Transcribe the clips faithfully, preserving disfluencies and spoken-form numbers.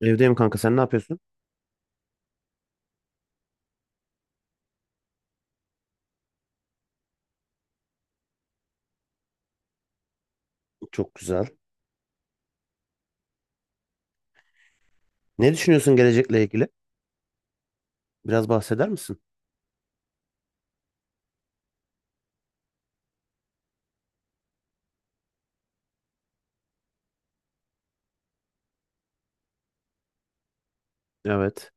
Evdeyim kanka sen ne yapıyorsun? Çok güzel. Ne düşünüyorsun gelecekle ilgili? Biraz bahseder misin? Evet.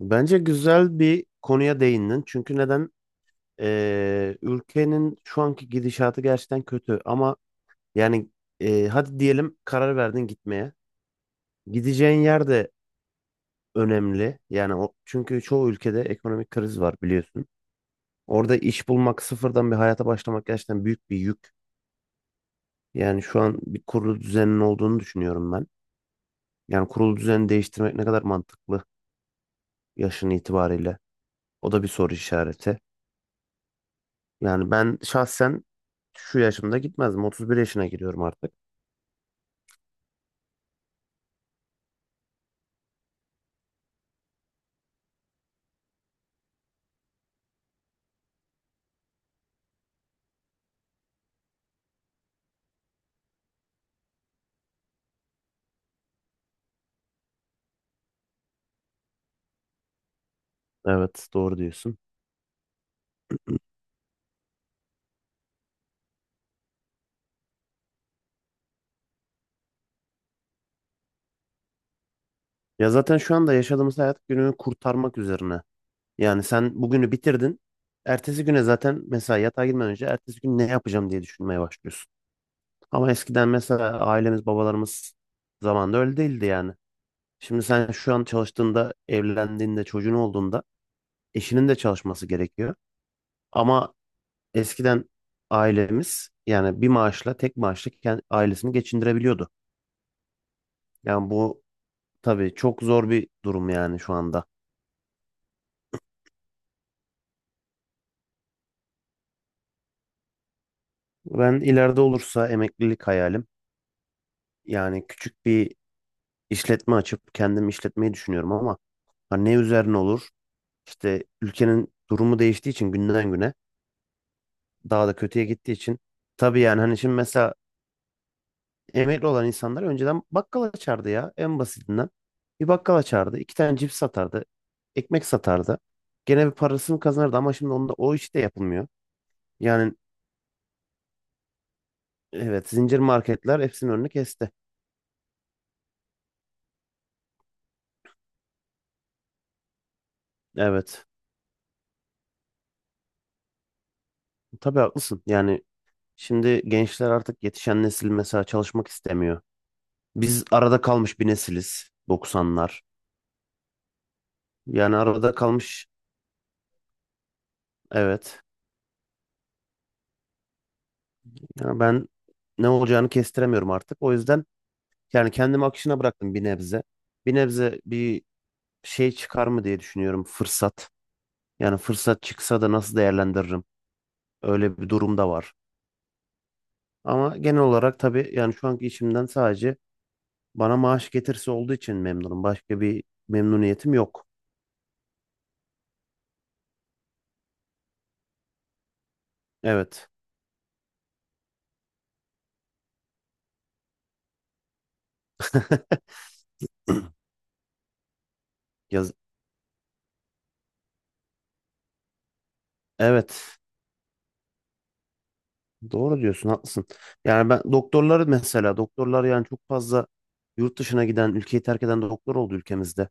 Bence güzel bir konuya değindin. Çünkü neden? Ee, ülkenin şu anki gidişatı gerçekten kötü. Ama yani e, hadi diyelim karar verdin gitmeye. Gideceğin yer de önemli. Yani o, çünkü çoğu ülkede ekonomik kriz var biliyorsun. Orada iş bulmak, sıfırdan bir hayata başlamak gerçekten büyük bir yük. Yani şu an bir kurulu düzenin olduğunu düşünüyorum ben. Yani kurulu düzeni değiştirmek ne kadar mantıklı yaşın itibariyle? O da bir soru işareti. Yani ben şahsen şu yaşımda gitmezdim. otuz bir yaşına giriyorum artık. Evet, doğru diyorsun. Ya zaten şu anda yaşadığımız hayat günü kurtarmak üzerine. Yani sen bugünü bitirdin. Ertesi güne zaten mesela yatağa girmeden önce ertesi gün ne yapacağım diye düşünmeye başlıyorsun. Ama eskiden mesela ailemiz, babalarımız zamanında öyle değildi yani. Şimdi sen şu an çalıştığında, evlendiğinde, çocuğun olduğunda eşinin de çalışması gerekiyor. Ama eskiden ailemiz yani bir maaşla tek maaşla kend- ailesini geçindirebiliyordu. Yani bu tabii çok zor bir durum yani şu anda. Ben ileride olursa emeklilik hayalim yani küçük bir işletme açıp kendim işletmeyi düşünüyorum ama hani ne üzerine olur? İşte ülkenin durumu değiştiği için günden güne daha da kötüye gittiği için tabii yani hani şimdi mesela emekli olan insanlar önceden bakkal açardı ya en basitinden. Bir bakkal açardı, iki tane cips satardı, ekmek satardı. Gene bir parasını kazanırdı ama şimdi onda o iş de yapılmıyor. Yani evet, zincir marketler hepsinin önünü kesti. Evet, tabii haklısın. Yani şimdi gençler artık yetişen nesil mesela çalışmak istemiyor. Biz arada kalmış bir nesiliz doksanlar. Yani arada kalmış evet. Ya ben ne olacağını kestiremiyorum artık. O yüzden yani kendimi akışına bıraktım bir nebze. Bir nebze bir şey çıkar mı diye düşünüyorum fırsat. Yani fırsat çıksa da nasıl değerlendiririm? Öyle bir durum da var. Ama genel olarak tabii yani şu anki işimden sadece bana maaş getirisi olduğu için memnunum. Başka bir memnuniyetim yok. Evet. Yaz evet. Doğru diyorsun, haklısın. Yani ben doktorları mesela doktorlar yani çok fazla yurt dışına giden, ülkeyi terk eden doktor oldu ülkemizde.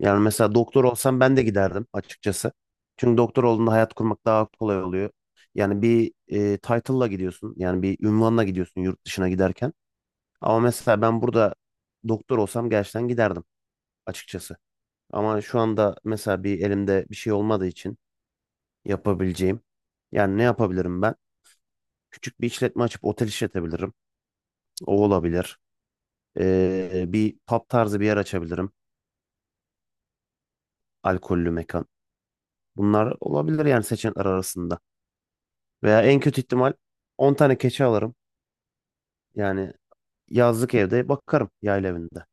Yani mesela doktor olsam ben de giderdim açıkçası. Çünkü doktor olduğunda hayat kurmak daha kolay oluyor. Yani bir e, title'la gidiyorsun. Yani bir ünvanla gidiyorsun yurt dışına giderken. Ama mesela ben burada doktor olsam gerçekten giderdim açıkçası. Ama şu anda mesela bir elimde bir şey olmadığı için yapabileceğim. Yani ne yapabilirim ben? Küçük bir işletme açıp otel işletebilirim. O olabilir. Ee, bir pub tarzı bir yer açabilirim. Alkollü mekan. Bunlar olabilir yani seçenekler arasında. Veya en kötü ihtimal on tane keçi alırım. Yani yazlık evde bakarım yayla evinde.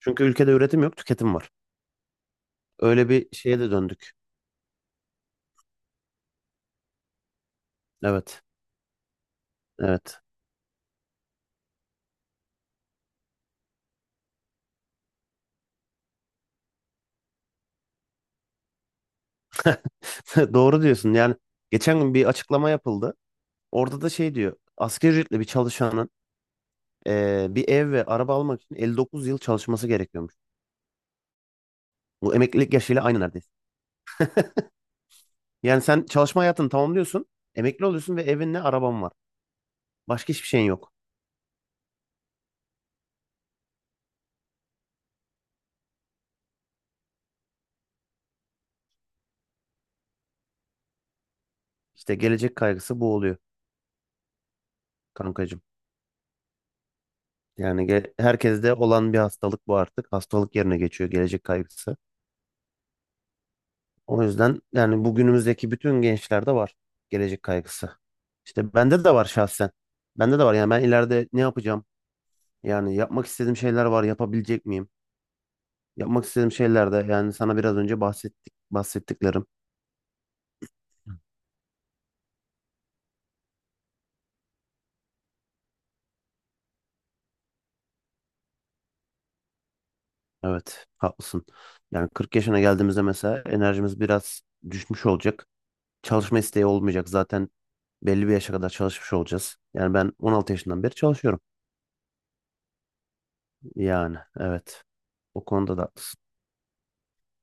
Çünkü ülkede üretim yok, tüketim var. Öyle bir şeye de döndük. Evet, evet. Doğru diyorsun. Yani geçen gün bir açıklama yapıldı. Orada da şey diyor. Asgari ücretli bir çalışanın eee, bir ev ve araba almak için elli dokuz yıl çalışması gerekiyormuş. Bu emeklilik yaşıyla aynı neredeyse. Yani sen çalışma hayatını tamamlıyorsun, emekli oluyorsun ve evinle araban var. Başka hiçbir şeyin yok. İşte gelecek kaygısı bu oluyor kankacığım. Yani ge- herkeste olan bir hastalık bu artık. Hastalık yerine geçiyor gelecek kaygısı. O yüzden yani bugünümüzdeki bütün gençlerde var gelecek kaygısı. İşte bende de var şahsen. Bende de var yani ben ileride ne yapacağım? Yani yapmak istediğim şeyler var, yapabilecek miyim? Yapmak istediğim şeyler de yani sana biraz önce bahsettik bahsettiklerim. Evet, haklısın. Yani kırk yaşına geldiğimizde mesela enerjimiz biraz düşmüş olacak. Çalışma isteği olmayacak. Zaten belli bir yaşa kadar çalışmış olacağız. Yani ben on altı yaşından beri çalışıyorum. Yani evet. O konuda da haklısın.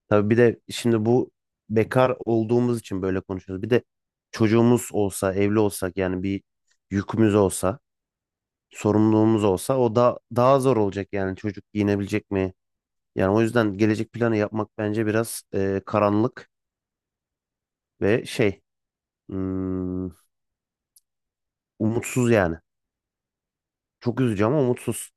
Tabii bir de şimdi bu bekar olduğumuz için böyle konuşuyoruz. Bir de çocuğumuz olsa, evli olsak yani bir yükümüz olsa, sorumluluğumuz olsa o da daha zor olacak yani çocuk giyinebilecek mi? Yani o yüzden gelecek planı yapmak bence biraz e, karanlık ve şey hmm, umutsuz yani. Çok üzücü ama umutsuz.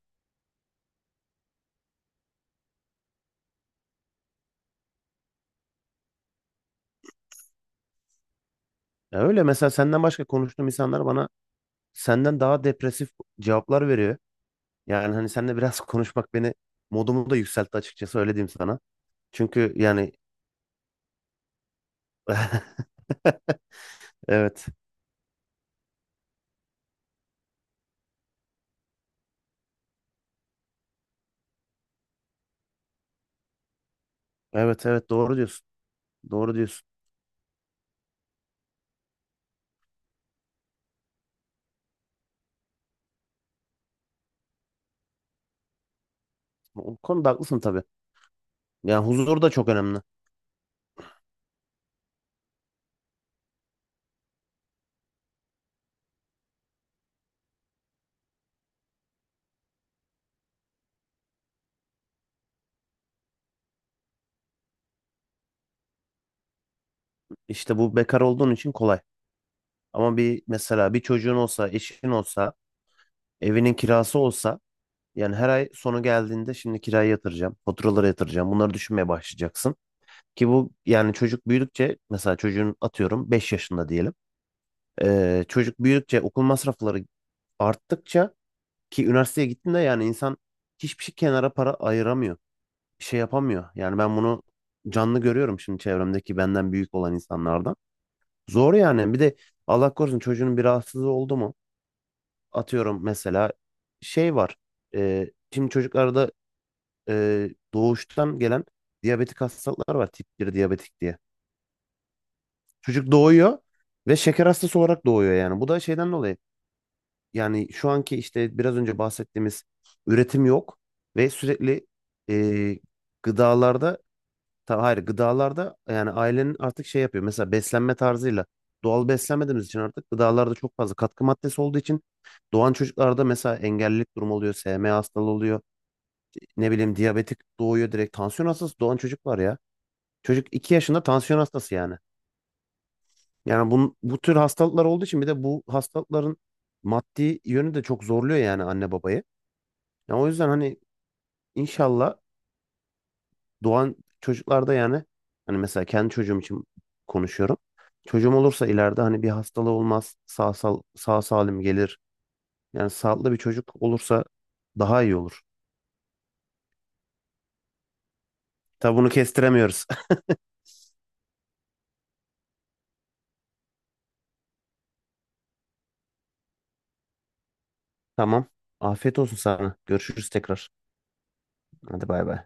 Ya öyle mesela senden başka konuştuğum insanlar bana senden daha depresif cevaplar veriyor. Yani hani seninle biraz konuşmak beni modumu da yükseltti açıkçası öyle diyeyim sana. Çünkü yani evet, evet, evet, doğru diyorsun. Doğru diyorsun. O konuda haklısın tabii. Yani huzur da çok önemli. İşte bu bekar olduğun için kolay. Ama bir mesela bir çocuğun olsa, eşin olsa, evinin kirası olsa yani her ay sonu geldiğinde şimdi kirayı yatıracağım, faturaları yatıracağım. Bunları düşünmeye başlayacaksın. Ki bu yani çocuk büyüdükçe mesela çocuğun atıyorum beş yaşında diyelim. Ee, çocuk büyüdükçe okul masrafları arttıkça ki üniversiteye gittiğinde yani insan hiçbir şey kenara para ayıramıyor. Bir şey yapamıyor. Yani ben bunu canlı görüyorum şimdi çevremdeki benden büyük olan insanlardan. Zor yani. Bir de Allah korusun çocuğunun bir rahatsızlığı oldu mu? Atıyorum mesela şey var. E, şimdi çocuklarda e, doğuştan gelen diyabetik hastalıklar var. Tip bir diyabetik diye. Çocuk doğuyor ve şeker hastası olarak doğuyor yani. Bu da şeyden dolayı. Yani şu anki işte biraz önce bahsettiğimiz üretim yok ve sürekli e, gıdalarda ta, hayır gıdalarda yani ailenin artık şey yapıyor. Mesela beslenme tarzıyla doğal beslenmediğimiz için artık gıdalarda çok fazla katkı maddesi olduğu için doğan çocuklarda mesela engellilik durumu oluyor, S M A hastalığı oluyor, ne bileyim diyabetik doğuyor direkt tansiyon hastası doğan çocuk var ya. Çocuk iki yaşında tansiyon hastası yani. Yani bu, bu tür hastalıklar olduğu için bir de bu hastalıkların maddi yönü de çok zorluyor yani anne babayı. Ya o yüzden hani inşallah doğan çocuklarda yani hani mesela kendi çocuğum için konuşuyorum. Çocuğum olursa ileride hani bir hastalığı olmaz, sağ, sal, sağ salim gelir. Yani sağlıklı bir çocuk olursa daha iyi olur. Tabi bunu kestiremiyoruz. Tamam. Afiyet olsun sana. Görüşürüz tekrar. Hadi bay bay.